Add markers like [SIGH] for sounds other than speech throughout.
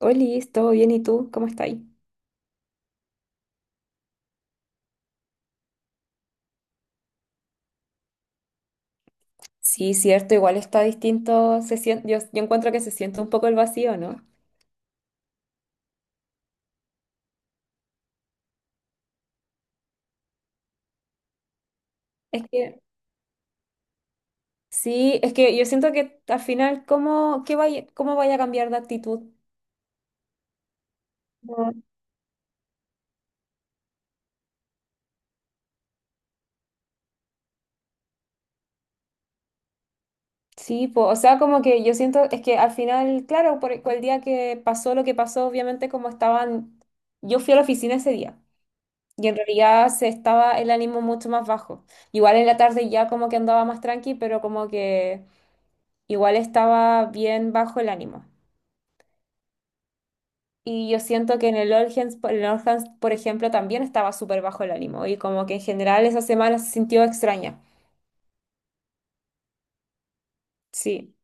Oli, ¿todo bien? ¿Y tú? ¿Cómo estás? Sí, cierto, igual está distinto, yo encuentro que se siente un poco el vacío, ¿no? Es que, sí, es que yo siento que al final, ¿cómo vaya a cambiar de actitud? No. Sí, po, o sea, como que yo siento, es que al final, claro, por el día que pasó lo que pasó, obviamente como estaban, yo fui a la oficina ese día y en realidad se estaba el ánimo mucho más bajo. Igual en la tarde ya como que andaba más tranqui, pero como que igual estaba bien bajo el ánimo. Y yo siento que en el All Hands, en el All, por ejemplo, también estaba súper bajo el ánimo y como que en general esa semana se sintió extraña. Sí,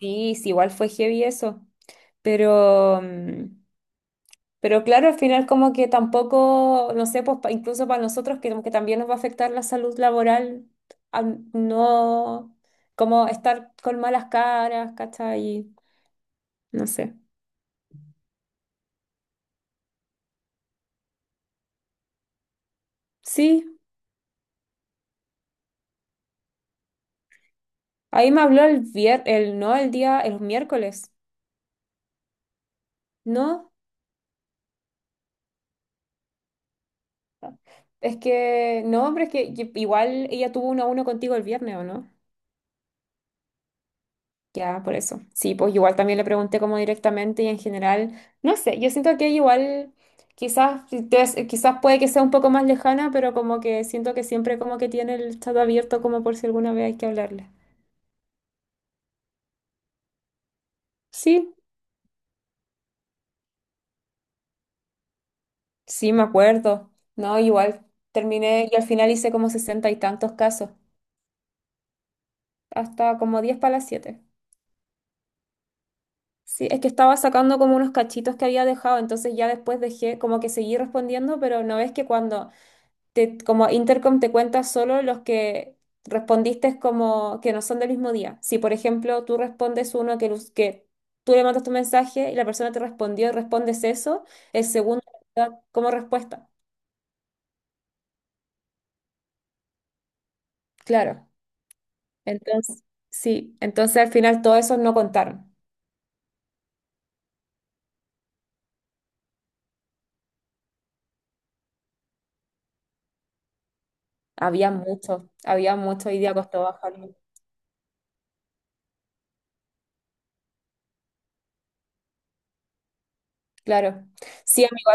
sí, igual fue heavy eso. Pero, pero claro, al final como que tampoco, no sé, pues incluso para nosotros que como que también nos va a afectar la salud laboral, al no, como estar con malas caras, ¿cachai? No sé. Sí, ahí me habló el vier, el no, el día, el miércoles. No, es que, no, pero es que igual ella tuvo uno a uno contigo el viernes, ¿o no? Ya, por eso. Sí, pues igual también le pregunté como directamente y en general, no sé, yo siento que igual quizás, si te- quizás puede que sea un poco más lejana, pero como que siento que siempre como que tiene el chat abierto como por si alguna vez hay que hablarle. Sí, sí, me acuerdo. No, igual terminé y al final hice como sesenta y tantos casos, hasta como diez para las siete. Sí, es que estaba sacando como unos cachitos que había dejado, entonces ya después dejé, como que seguí respondiendo, pero no es que cuando te, como Intercom te cuenta solo los que respondiste como que no son del mismo día. Si, por ejemplo, tú respondes uno que tú le mandas tu mensaje y la persona te respondió y respondes eso, el segundo da como respuesta. Claro. Entonces, sí, entonces al final todos esos no contaron. Había muchos y día costó bajarlo. Claro. Sí, amigo,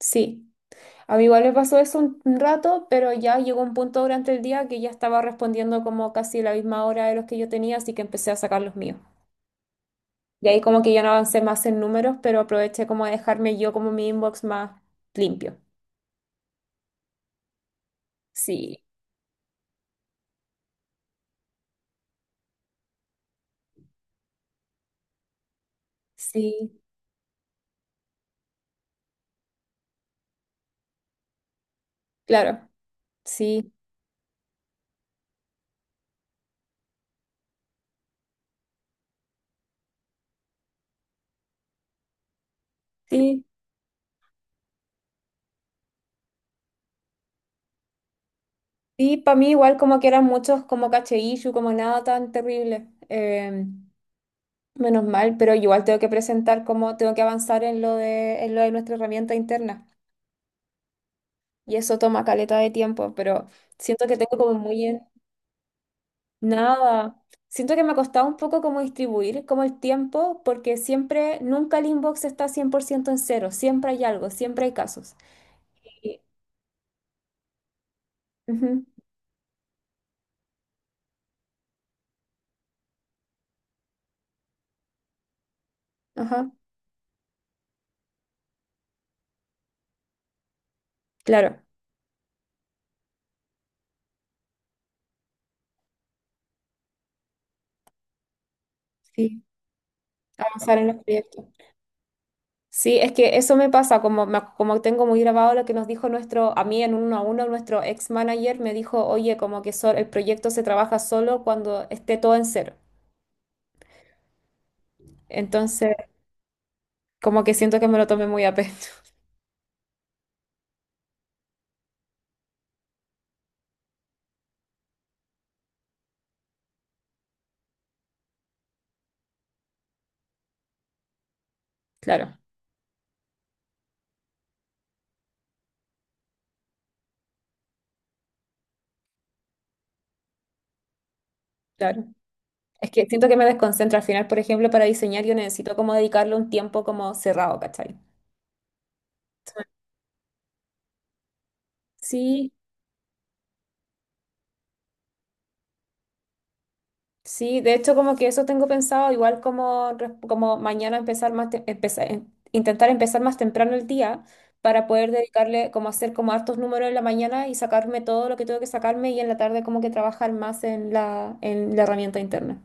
sí. A mí igual me pasó eso un rato, pero ya llegó un punto durante el día que ya estaba respondiendo como casi la misma hora de los que yo tenía, así que empecé a sacar los míos. Y ahí como que ya no avancé más en números, pero aproveché como a dejarme yo como mi inbox más limpio. Sí, sí, claro, sí, sí. Y para mí igual como que eran muchos como caché issue, como nada tan terrible. Menos mal, pero igual tengo que presentar como tengo que avanzar en en lo de nuestra herramienta interna. Y eso toma caleta de tiempo, pero siento que tengo como muy en nada. Siento que me ha costado un poco como distribuir como el tiempo, porque siempre, nunca el inbox está 100% en cero, siempre hay algo, siempre hay casos. Y- ujú, ajá, claro, sí. Avanzar en los proyectos. Sí, es que eso me pasa, como, como tengo muy grabado lo que nos dijo nuestro, a mí en uno a uno, nuestro ex manager me dijo, oye, como que el proyecto se trabaja solo cuando esté todo en cero. Entonces, como que siento que me lo tomé muy a pecho. Claro, claro. Es que siento que me desconcentra al final, por ejemplo, para diseñar yo necesito como dedicarle un tiempo como cerrado, ¿cachai? Sí, sí, de hecho como que eso tengo pensado, igual como, como mañana empezar más, empezar, intentar empezar más temprano el día para poder dedicarle, como hacer como hartos números en la mañana y sacarme todo lo que tengo que sacarme y en la tarde como que trabajar más en en la herramienta interna.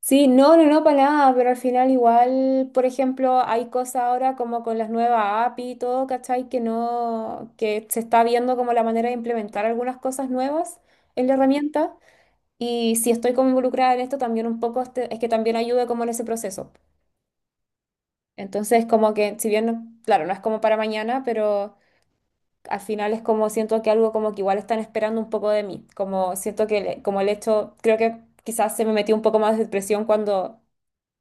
Sí, no, no, no, para nada, pero al final igual, por ejemplo, hay cosas ahora como con las nuevas API y todo, ¿cachai? Que no, que se está viendo como la manera de implementar algunas cosas nuevas en la herramienta. Y si estoy como involucrada en esto, también un poco es que también ayude como en ese proceso. Entonces, como que, si bien, claro, no es como para mañana, pero al final es como siento que algo como que igual están esperando un poco de mí. Como siento que, como el hecho, creo que quizás se me metió un poco más de presión cuando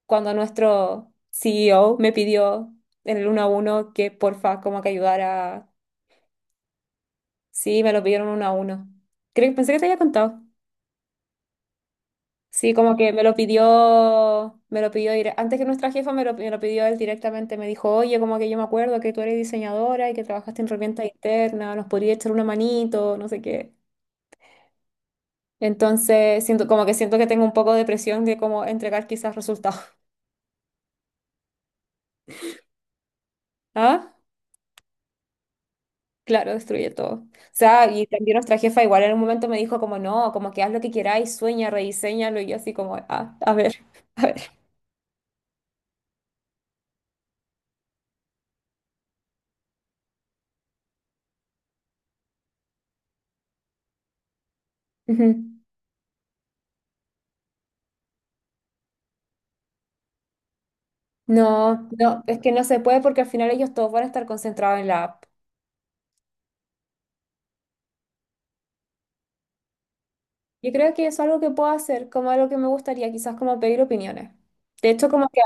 nuestro CEO me pidió en el uno a uno que porfa como que ayudara. Sí, me lo pidieron uno a uno. Creo que pensé que te había contado. Sí, como que me lo pidió antes que nuestra jefa me lo pidió él directamente, me dijo, oye, como que yo me acuerdo que tú eres diseñadora y que trabajaste en herramienta interna, nos podrías echar una manito, no sé qué. Entonces, siento como que siento que tengo un poco de presión de como entregar quizás resultados. [LAUGHS] ¿Ah? Claro, destruye todo. O sea, y también nuestra jefa igual en un momento me dijo como, no, como que haz lo que queráis, sueña, rediseñalo, y yo así como, ah, a ver, [LAUGHS] a ver. Ujú. No, no, es que no se puede porque al final ellos todos van a estar concentrados en la app. Yo creo que eso es algo que puedo hacer, como algo que me gustaría, quizás como pedir opiniones. De hecho, como que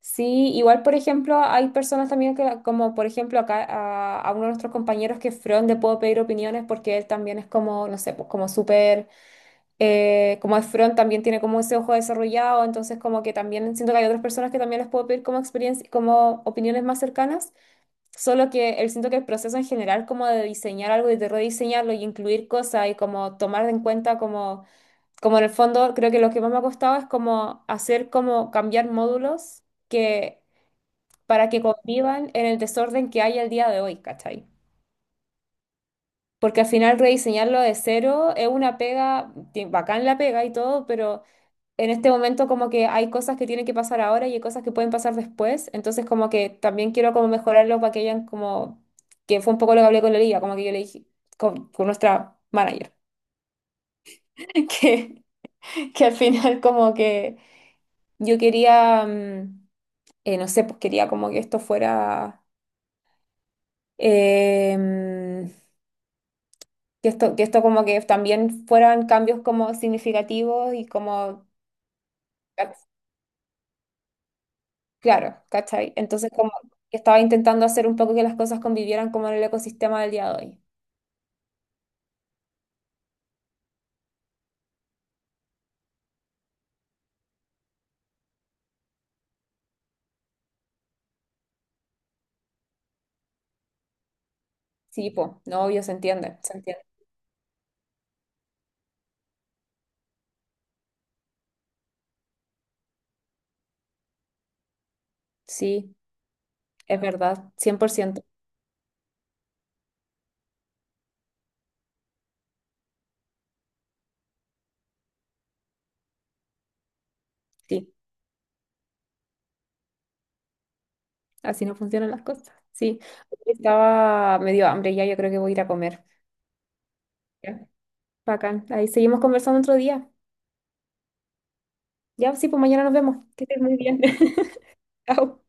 sí, igual por ejemplo, hay personas también que, como por ejemplo acá a uno de nuestros compañeros que es Fron, le puedo pedir opiniones porque él también es como, no sé, pues como súper como es front también tiene como ese ojo desarrollado, entonces como que también siento que hay otras personas que también les puedo pedir como experiencia, como opiniones más cercanas, solo que él siento que el proceso en general como de diseñar algo y de rediseñarlo y incluir cosas y como tomar en cuenta como, como en el fondo creo que lo que más me ha costado es como hacer como cambiar módulos que para que convivan en el desorden que hay al día de hoy, ¿cachai? Porque al final rediseñarlo de cero es una pega, bacán la pega y todo, pero en este momento como que hay cosas que tienen que pasar ahora y hay cosas que pueden pasar después, entonces como que también quiero como mejorarlo para que hayan como, que fue un poco lo que hablé con la liga, como que yo le dije, con nuestra manager, [LAUGHS] que, que al final como que yo quería, no sé, pues quería como que esto fuera, em, que esto como que también fueran cambios como significativos y como... Claro, ¿cachai? Entonces, como que estaba intentando hacer un poco que las cosas convivieran como en el ecosistema del día de hoy. Sí, po, no, obvio, se entiende, se entiende. Sí, es verdad, cien por ciento. Sí, así no funcionan las cosas, sí. Estaba medio hambre ya, yo creo que voy a ir a comer. Ya. Bacán, ahí seguimos conversando otro día. Ya, sí, pues mañana nos vemos. Que estés muy bien. [LAUGHS] Chao.